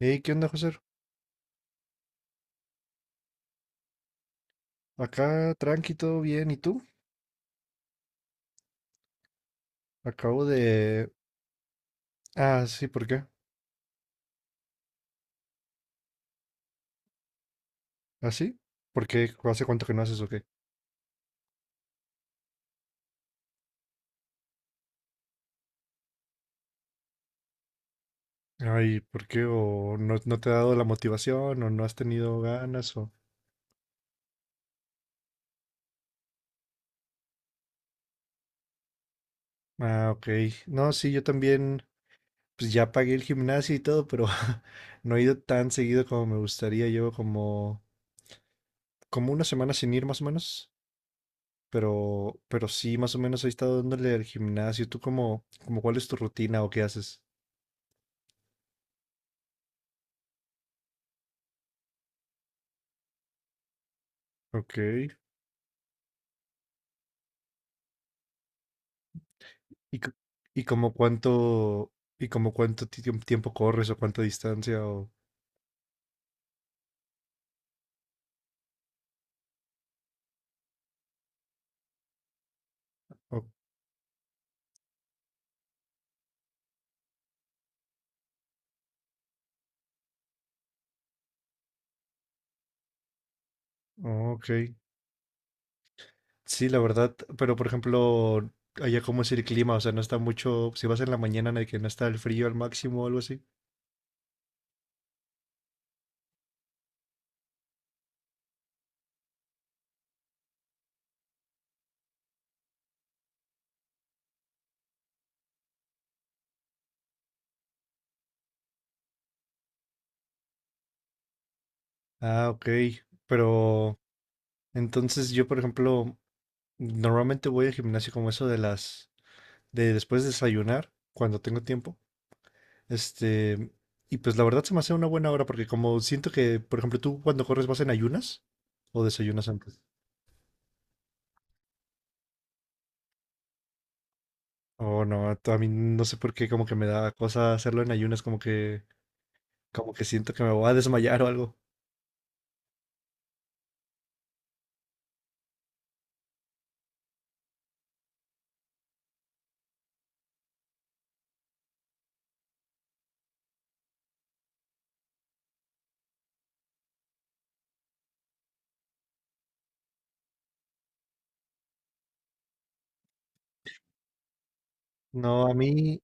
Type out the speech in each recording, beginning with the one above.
Hey, ¿qué onda, José? Acá tranqui, todo bien. ¿Y tú? Acabo de... Ah, sí, ¿por qué? ¿Ah, sí? ¿Por qué? ¿Hace cuánto que no haces o qué? Ay, ¿por qué? ¿O no te ha dado la motivación? ¿O no has tenido ganas? O... Ah, ok. No, sí, yo también, pues ya pagué el gimnasio y todo, pero no he ido tan seguido como me gustaría. Como una semana sin ir más o menos. Pero sí, más o menos he estado dándole al gimnasio. ¿Tú cómo cuál es tu rutina o qué haces? Ok. ¿Y, c- y como cuánto, y como cuánto ti- tiemp- tiempo corres o cuánta distancia o, o- oh, ok. Sí, la verdad, pero por ejemplo, allá cómo es el clima, o sea, no está mucho, si vas en la mañana en el que no está el frío al máximo o algo así. Ah, ok. Pero entonces yo, por ejemplo, normalmente voy al gimnasio como eso de después de desayunar, cuando tengo tiempo. Este, y pues la verdad se me hace una buena hora porque como siento que, por ejemplo, tú cuando corres vas en ayunas o desayunas antes. Oh, no, a mí no sé por qué como que me da cosa hacerlo en ayunas, como que siento que me voy a desmayar o algo. No, a mí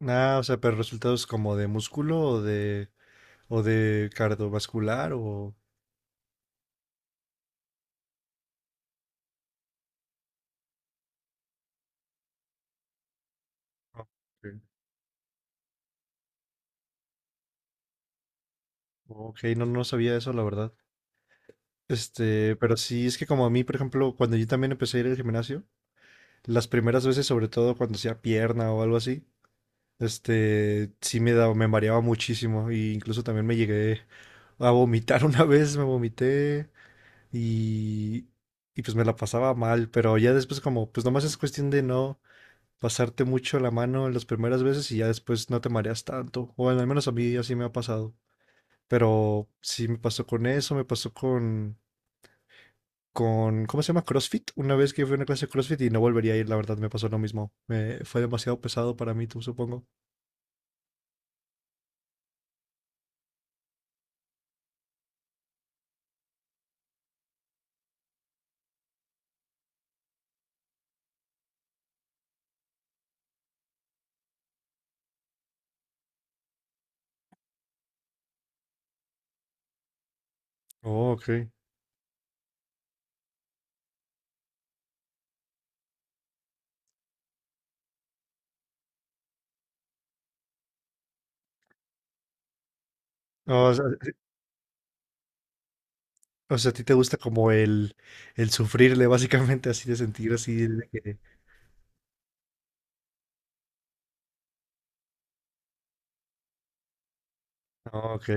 nada, o sea, pero resultados como de músculo o de cardiovascular o... Ah, ok. Ok, no sabía eso, la verdad. Este, pero sí es que como a mí, por ejemplo, cuando yo también empecé a ir al gimnasio. Las primeras veces, sobre todo cuando hacía pierna o algo así, este, sí me daba, me mareaba muchísimo. Y incluso también me llegué a vomitar una vez, me vomité y, y pues me la pasaba mal. Pero ya después como, pues nomás es cuestión de no pasarte mucho la mano en las primeras veces y ya después no te mareas tanto. O al menos a mí así me ha pasado. Pero sí me pasó con eso, me pasó con ¿cómo se llama? CrossFit. Una vez que fui a una clase de CrossFit y no volvería a ir, la verdad, me pasó lo mismo. Me, fue demasiado pesado para mí, tú supongo. Oh, ok. O sea, o sea, a ti te gusta como el sufrirle, básicamente, así de sentir así de que... Oh, ok,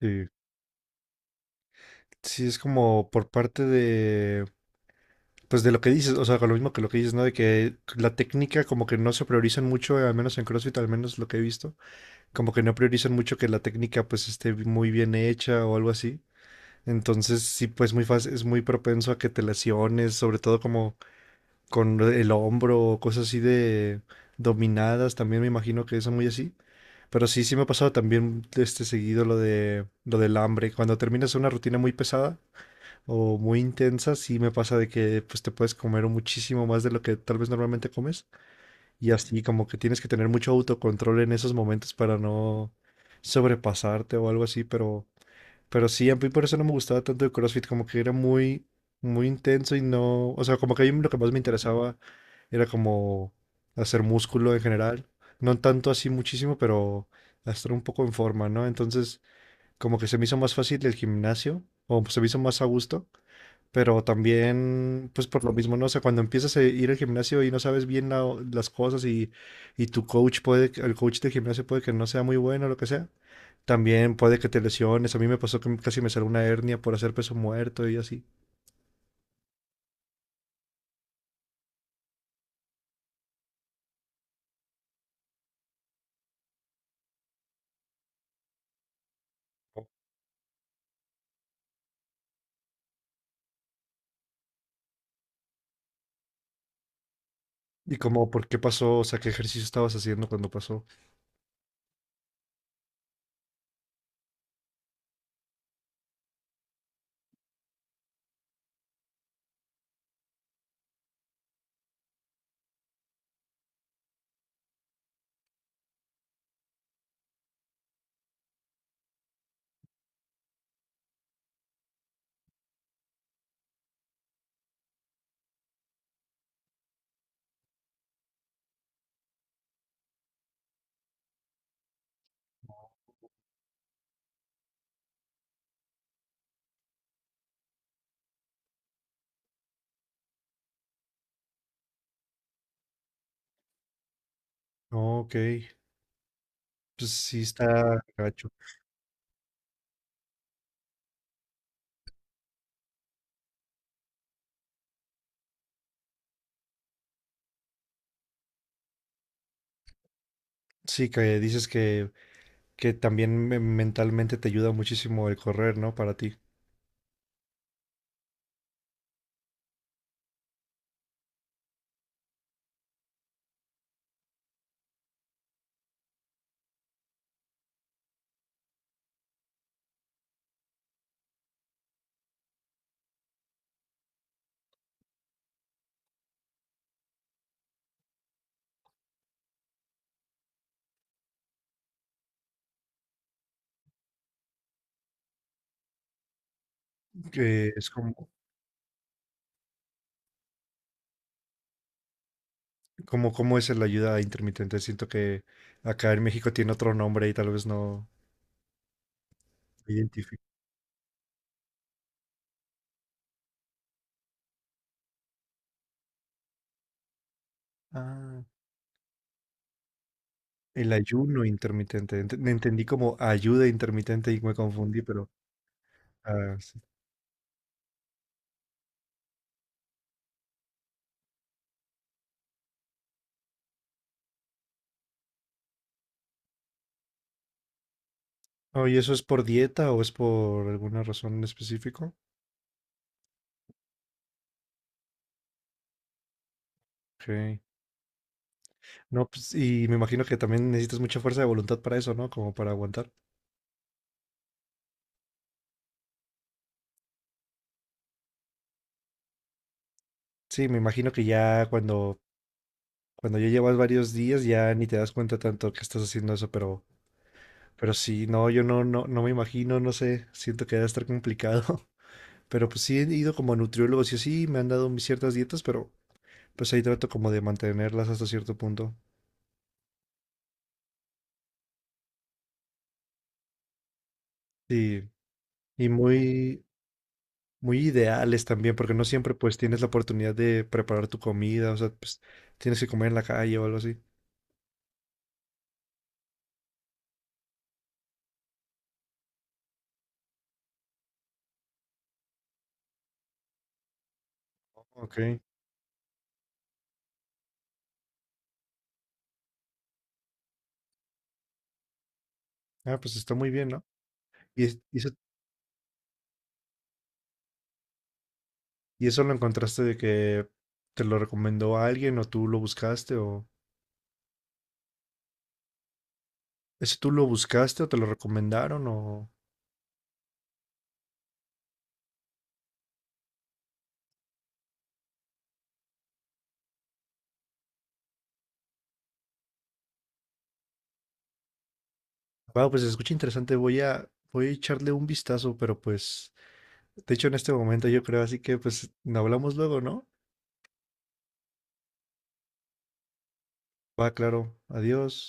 sí. Sí, es como por parte de, pues de lo que dices, o sea, con lo mismo que lo que dices, ¿no? De que la técnica como que no se priorizan mucho, al menos en CrossFit, al menos lo que he visto, como que no priorizan mucho que la técnica pues esté muy bien hecha o algo así. Entonces, sí, pues muy fácil, es muy propenso a que te lesiones, sobre todo como con el hombro o cosas así de dominadas, también me imagino que es muy así. Pero sí, sí me ha pasado también este seguido lo del hambre. Cuando terminas una rutina muy pesada o muy intensa, sí me pasa de que pues te puedes comer muchísimo más de lo que tal vez normalmente comes. Y así como que tienes que tener mucho autocontrol en esos momentos para no sobrepasarte o algo así, pero sí, a mí por eso no me gustaba tanto el CrossFit, como que era muy, muy intenso y no, o sea, como que a mí lo que más me interesaba era como hacer músculo en general, no tanto así muchísimo, pero estar un poco en forma, ¿no? Entonces, como que se me hizo más fácil el gimnasio, o se me hizo más a gusto, pero también, pues por lo mismo, ¿no? O sea, cuando empiezas a ir al gimnasio y no sabes bien las cosas y tu coach puede, el coach del gimnasio puede que no sea muy bueno o lo que sea también puede que te lesiones. A mí me pasó que casi me salió una hernia por hacer peso muerto y así. Y como, ¿por qué pasó? O sea, ¿qué ejercicio estabas haciendo cuando pasó? No, ok. Pues sí está gacho. Sí, que dices que también mentalmente te ayuda muchísimo el correr, ¿no? Para ti. Que es como, como, ¿cómo es la ayuda intermitente? Siento que acá en México tiene otro nombre y tal vez no lo identifico. Ah, el ayuno intermitente. Me entendí como ayuda intermitente y me confundí, pero... ah, sí. Oh, ¿y eso es por dieta o es por alguna razón en específico? Ok. No, pues, y me imagino que también necesitas mucha fuerza de voluntad para eso, ¿no? Como para aguantar. Sí, me imagino que ya cuando ya llevas varios días ya ni te das cuenta tanto que estás haciendo eso, pero sí, no, yo no me imagino, no sé, siento que debe estar complicado. Pero pues sí he ido como a nutriólogos y así, me han dado mis ciertas dietas, pero pues ahí trato como de mantenerlas hasta cierto punto. Y, y muy ideales también, porque no siempre pues tienes la oportunidad de preparar tu comida, o sea, pues tienes que comer en la calle o algo así. Ok. Ah, pues está muy bien, ¿no? Y y eso lo encontraste de que te lo recomendó alguien o tú lo buscaste o... ¿Eso tú lo buscaste o te lo recomendaron o...? Wow, pues se escucha interesante, voy a echarle un vistazo, pero pues, de hecho en este momento yo creo, así que pues hablamos luego, ¿no? Va, claro. Adiós.